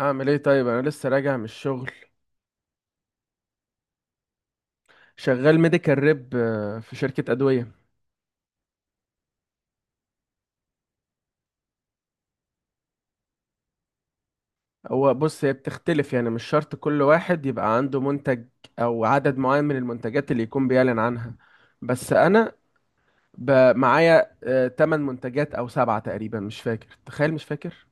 اعمل ايه طيب، انا لسه راجع من الشغل. شغال ميديكال ريب في شركة ادوية. هو بص، هي بتختلف يعني، مش شرط كل واحد يبقى عنده منتج او عدد معين من المنتجات اللي يكون بيعلن عنها. بس انا معايا 8 منتجات او سبعة تقريبا، مش فاكر، تخيل، مش فاكر.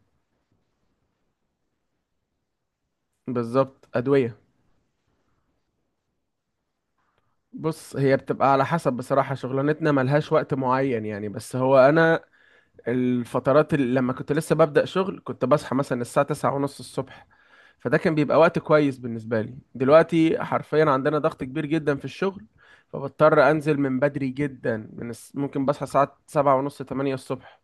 بالظبط، ادوية. بص، هي بتبقى على حسب، بصراحة شغلانتنا ملهاش وقت معين يعني، بس هو انا الفترات اللي لما كنت لسه ببدأ شغل كنت بصحى مثلا الساعة تسعة ونص الصبح. فده كان بيبقى وقت كويس بالنسبة لي. دلوقتي حرفيا عندنا ضغط كبير جدا في الشغل، فبضطر انزل من بدري جدا ممكن بصحى الساعة سبعة ونص تمانية الصبح.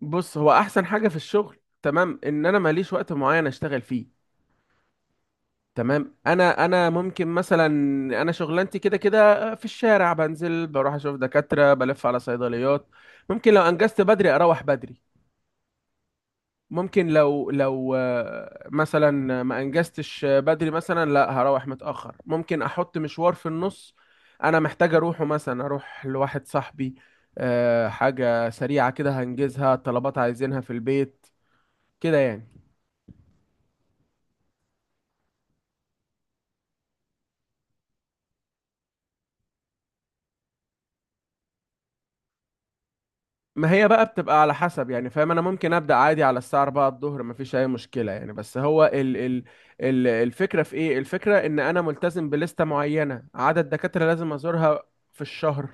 بص، هو احسن حاجة في الشغل تمام ان انا ماليش وقت معين اشتغل فيه. تمام. انا ممكن مثلا، انا شغلانتي كده كده في الشارع، بنزل بروح اشوف دكاترة بلف على صيدليات. ممكن لو انجزت بدري اروح بدري. ممكن لو مثلا ما انجزتش بدري، مثلا لا هروح متأخر، ممكن احط مشوار في النص انا محتاج اروحه، مثلا اروح لواحد صاحبي، حاجة سريعة كده هنجزها، طلبات عايزينها في البيت، كده يعني. ما هي بقى بتبقى على حسب يعني، فاهم؟ انا ممكن ابدا عادي على الساعة 4 الظهر، مفيش اي مشكلة يعني، بس هو ال الفكرة في ايه، الفكرة ان انا ملتزم بلستة معينة، عدد دكاترة لازم ازورها في الشهر.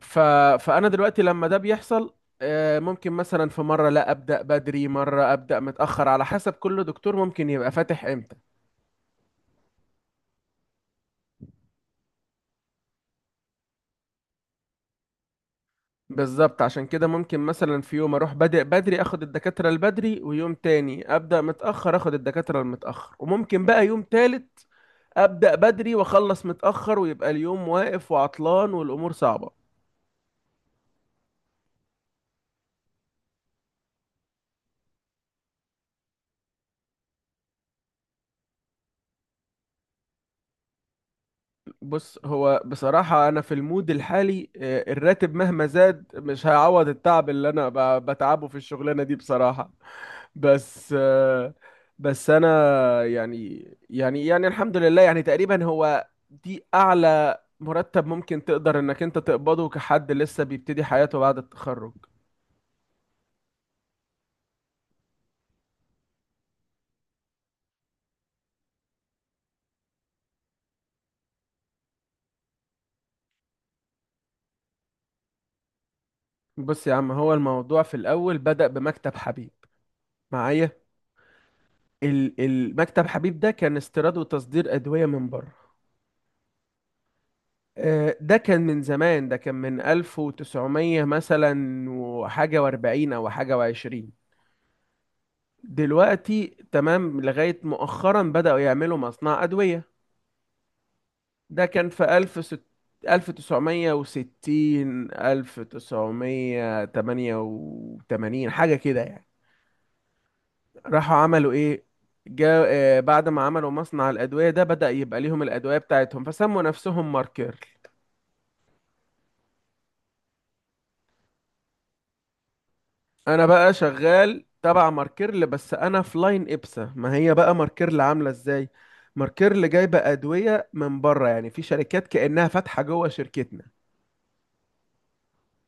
ف... فانا دلوقتي لما ده بيحصل، ممكن مثلا في مره لا ابدا بدري، مره ابدا متاخر، على حسب كل دكتور ممكن يبقى فاتح امتى. بالظبط، عشان كده ممكن مثلا في يوم اروح بادئ بدري اخد الدكاتره البدري، ويوم تاني ابدا متاخر اخد الدكاتره المتاخر، وممكن بقى يوم تالت ابدا بدري واخلص متاخر، ويبقى اليوم واقف وعطلان والامور صعبه. بص، هو بصراحة أنا في المود الحالي الراتب مهما زاد مش هيعوض التعب اللي أنا بتعبه في الشغلانة دي بصراحة. بس آه، بس أنا يعني، يعني الحمد لله، يعني تقريبا هو دي أعلى مرتب ممكن تقدر إنك أنت تقبضه كحد لسه بيبتدي حياته بعد التخرج. بص يا عم، هو الموضوع في الأول بدأ بمكتب حبيب معايا. المكتب حبيب ده كان استيراد وتصدير أدوية من بره. ده كان من زمان، ده كان من 1900 مثلا وحاجة واربعين، أو حاجة وعشرين. دلوقتي تمام، لغاية مؤخرا بدأوا يعملوا مصنع أدوية. ده كان في ألف تسعمية وستين، ألف تسعمية تمانية وتمانين، حاجة كده يعني. راحوا عملوا إيه، جا بعد ما عملوا مصنع الأدوية ده بدأ يبقى ليهم الأدوية بتاعتهم، فسموا نفسهم ماركر. انا بقى شغال تبع ماركيرل، بس انا في لاين ابسا. ما هي بقى ماركيرل عامله ازاي، ماركيرل جايبه ادويه من بره، يعني في شركات كانها فاتحه جوه شركتنا.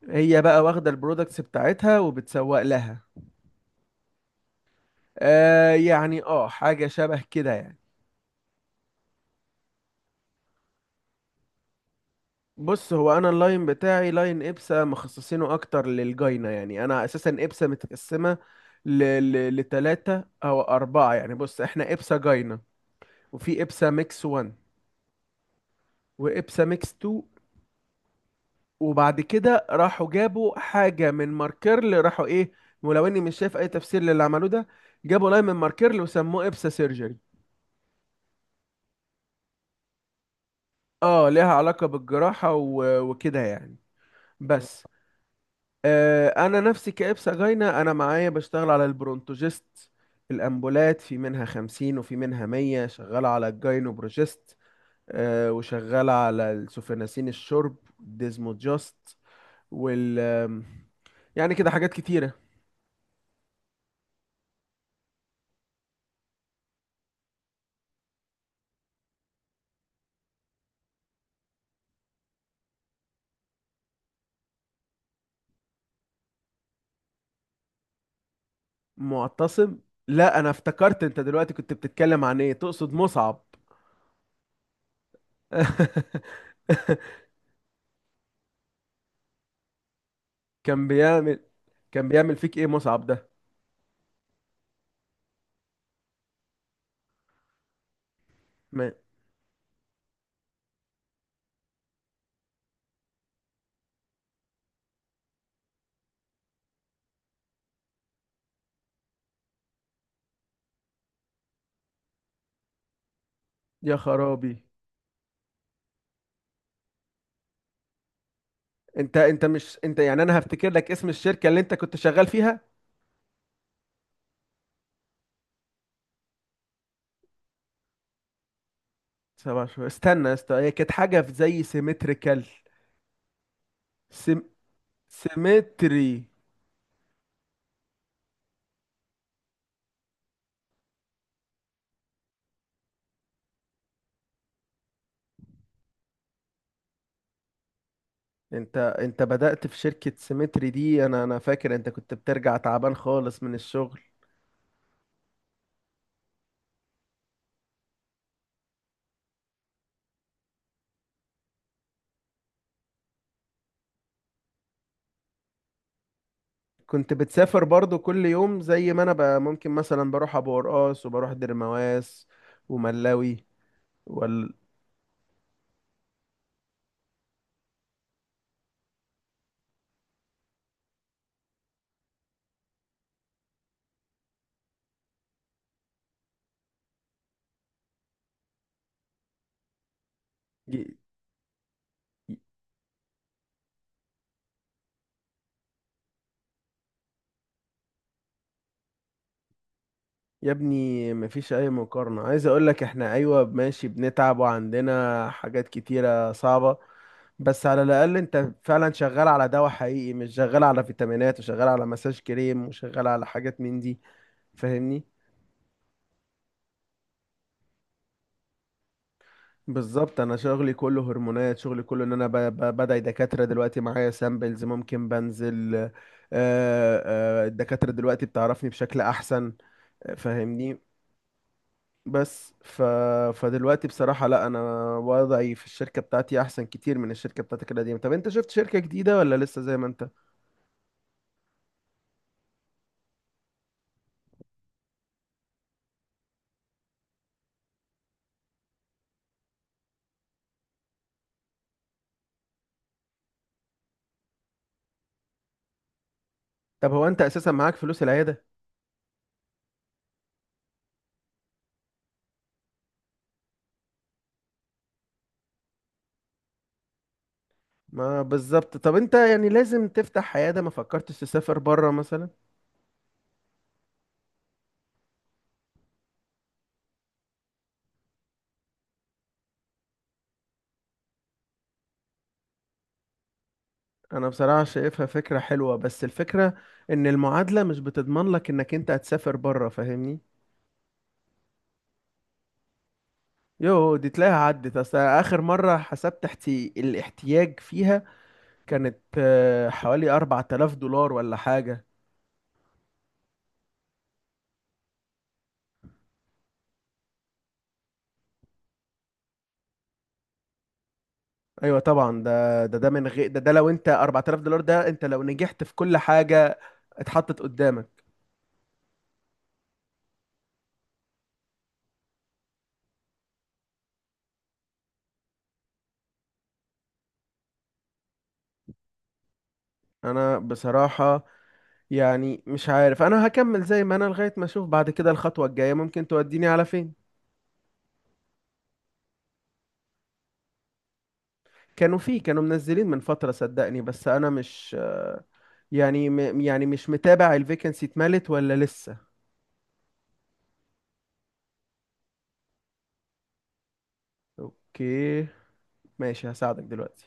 هي بقى واخده البرودكتس بتاعتها وبتسوق لها. آه يعني، اه، حاجه شبه كده يعني. بص، هو انا اللاين بتاعي لاين ابسا، مخصصينه اكتر للجاينه يعني. انا اساسا ابسا متقسمه لتلاتة او اربعه يعني. بص، احنا ابسا جاينه، وفي ابسا ميكس 1، وابسا ميكس 2. وبعد كده راحوا جابوا حاجة من ماركيرل، راحوا ايه، ولو اني مش شايف اي تفسير للي عملوه ده، جابوا لاين من ماركيرل وسموه ابسا سيرجري. اه، ليها علاقة بالجراحة وكده يعني، بس انا نفسي كابسا جاينة. انا معايا بشتغل على البرونتوجيست، الامبولات في منها خمسين وفي منها مية، شغالة على الجاينوبروجيست، وشغالة على السوفيناسين الشرب ديزموجاست، وال آم، يعني كده حاجات كتيرة. معتصم؟ لا، انا افتكرت انت دلوقتي كنت بتتكلم عن ايه، تقصد مصعب. كان بيعمل كان بيعمل فيك ايه مصعب ده؟ ما... يا خرابي. انت مش انت يعني، انا هفتكر لك اسم الشركة اللي انت كنت شغال فيها. سبع شهور؟ استنى يا اسطى، هي كانت حاجة في زي سيمتريكال. سيم... سيمتري. انت بدأت في شركة سيمتري دي، انا فاكر انت كنت بترجع تعبان خالص من الشغل. كنت بتسافر برضو كل يوم زي ما انا بقى، ممكن مثلا بروح ابو قرقاص وبروح درمواس وملاوي وال... ي- ي- يا ابني، مفيش اي مقارنة. عايز اقول لك احنا ايوه ماشي بنتعب وعندنا حاجات كتيرة صعبة، بس على الاقل انت فعلا شغال على دواء حقيقي، مش شغال على فيتامينات وشغال على مساج كريم وشغال على حاجات من دي، فاهمني؟ بالظبط، انا شغلي كله هرمونات. شغلي كله ان انا بدعي دكاتره، دلوقتي معايا سامبلز ممكن بنزل، الدكاتره دلوقتي بتعرفني بشكل احسن، فاهمني؟ بس ف... فدلوقتي بصراحه لا، انا وضعي في الشركه بتاعتي احسن كتير من الشركه بتاعتك القديمه. طب انت شفت شركه جديده ولا لسه زي ما انت؟ طب هو انت اساسا معاك فلوس العياده؟ ما بالظبط. طب انت يعني لازم تفتح عياده؟ ما فكرتش تسافر بره مثلا؟ انا بصراحة شايفها فكرة حلوة، بس الفكرة ان المعادلة مش بتضمن لك انك انت هتسافر بره، فاهمني؟ يو دي تلاقيها عدت، اصل اخر مرة حسبت الاحتياج فيها كانت حوالي 4000 دولار ولا حاجة. ايوه طبعا، ده ده من غير ده لو انت 4000 دولار ده انت لو نجحت في كل حاجة اتحطت قدامك. انا بصراحة يعني مش عارف، انا هكمل زي ما انا لغاية ما اشوف بعد كده الخطوة الجاية ممكن توديني على فين. كانوا فيه، كانوا منزلين من فترة صدقني، بس انا مش يعني يعني مش متابع الفيكنسي اتملت ولا لسه. اوكي، ماشي، هساعدك دلوقتي.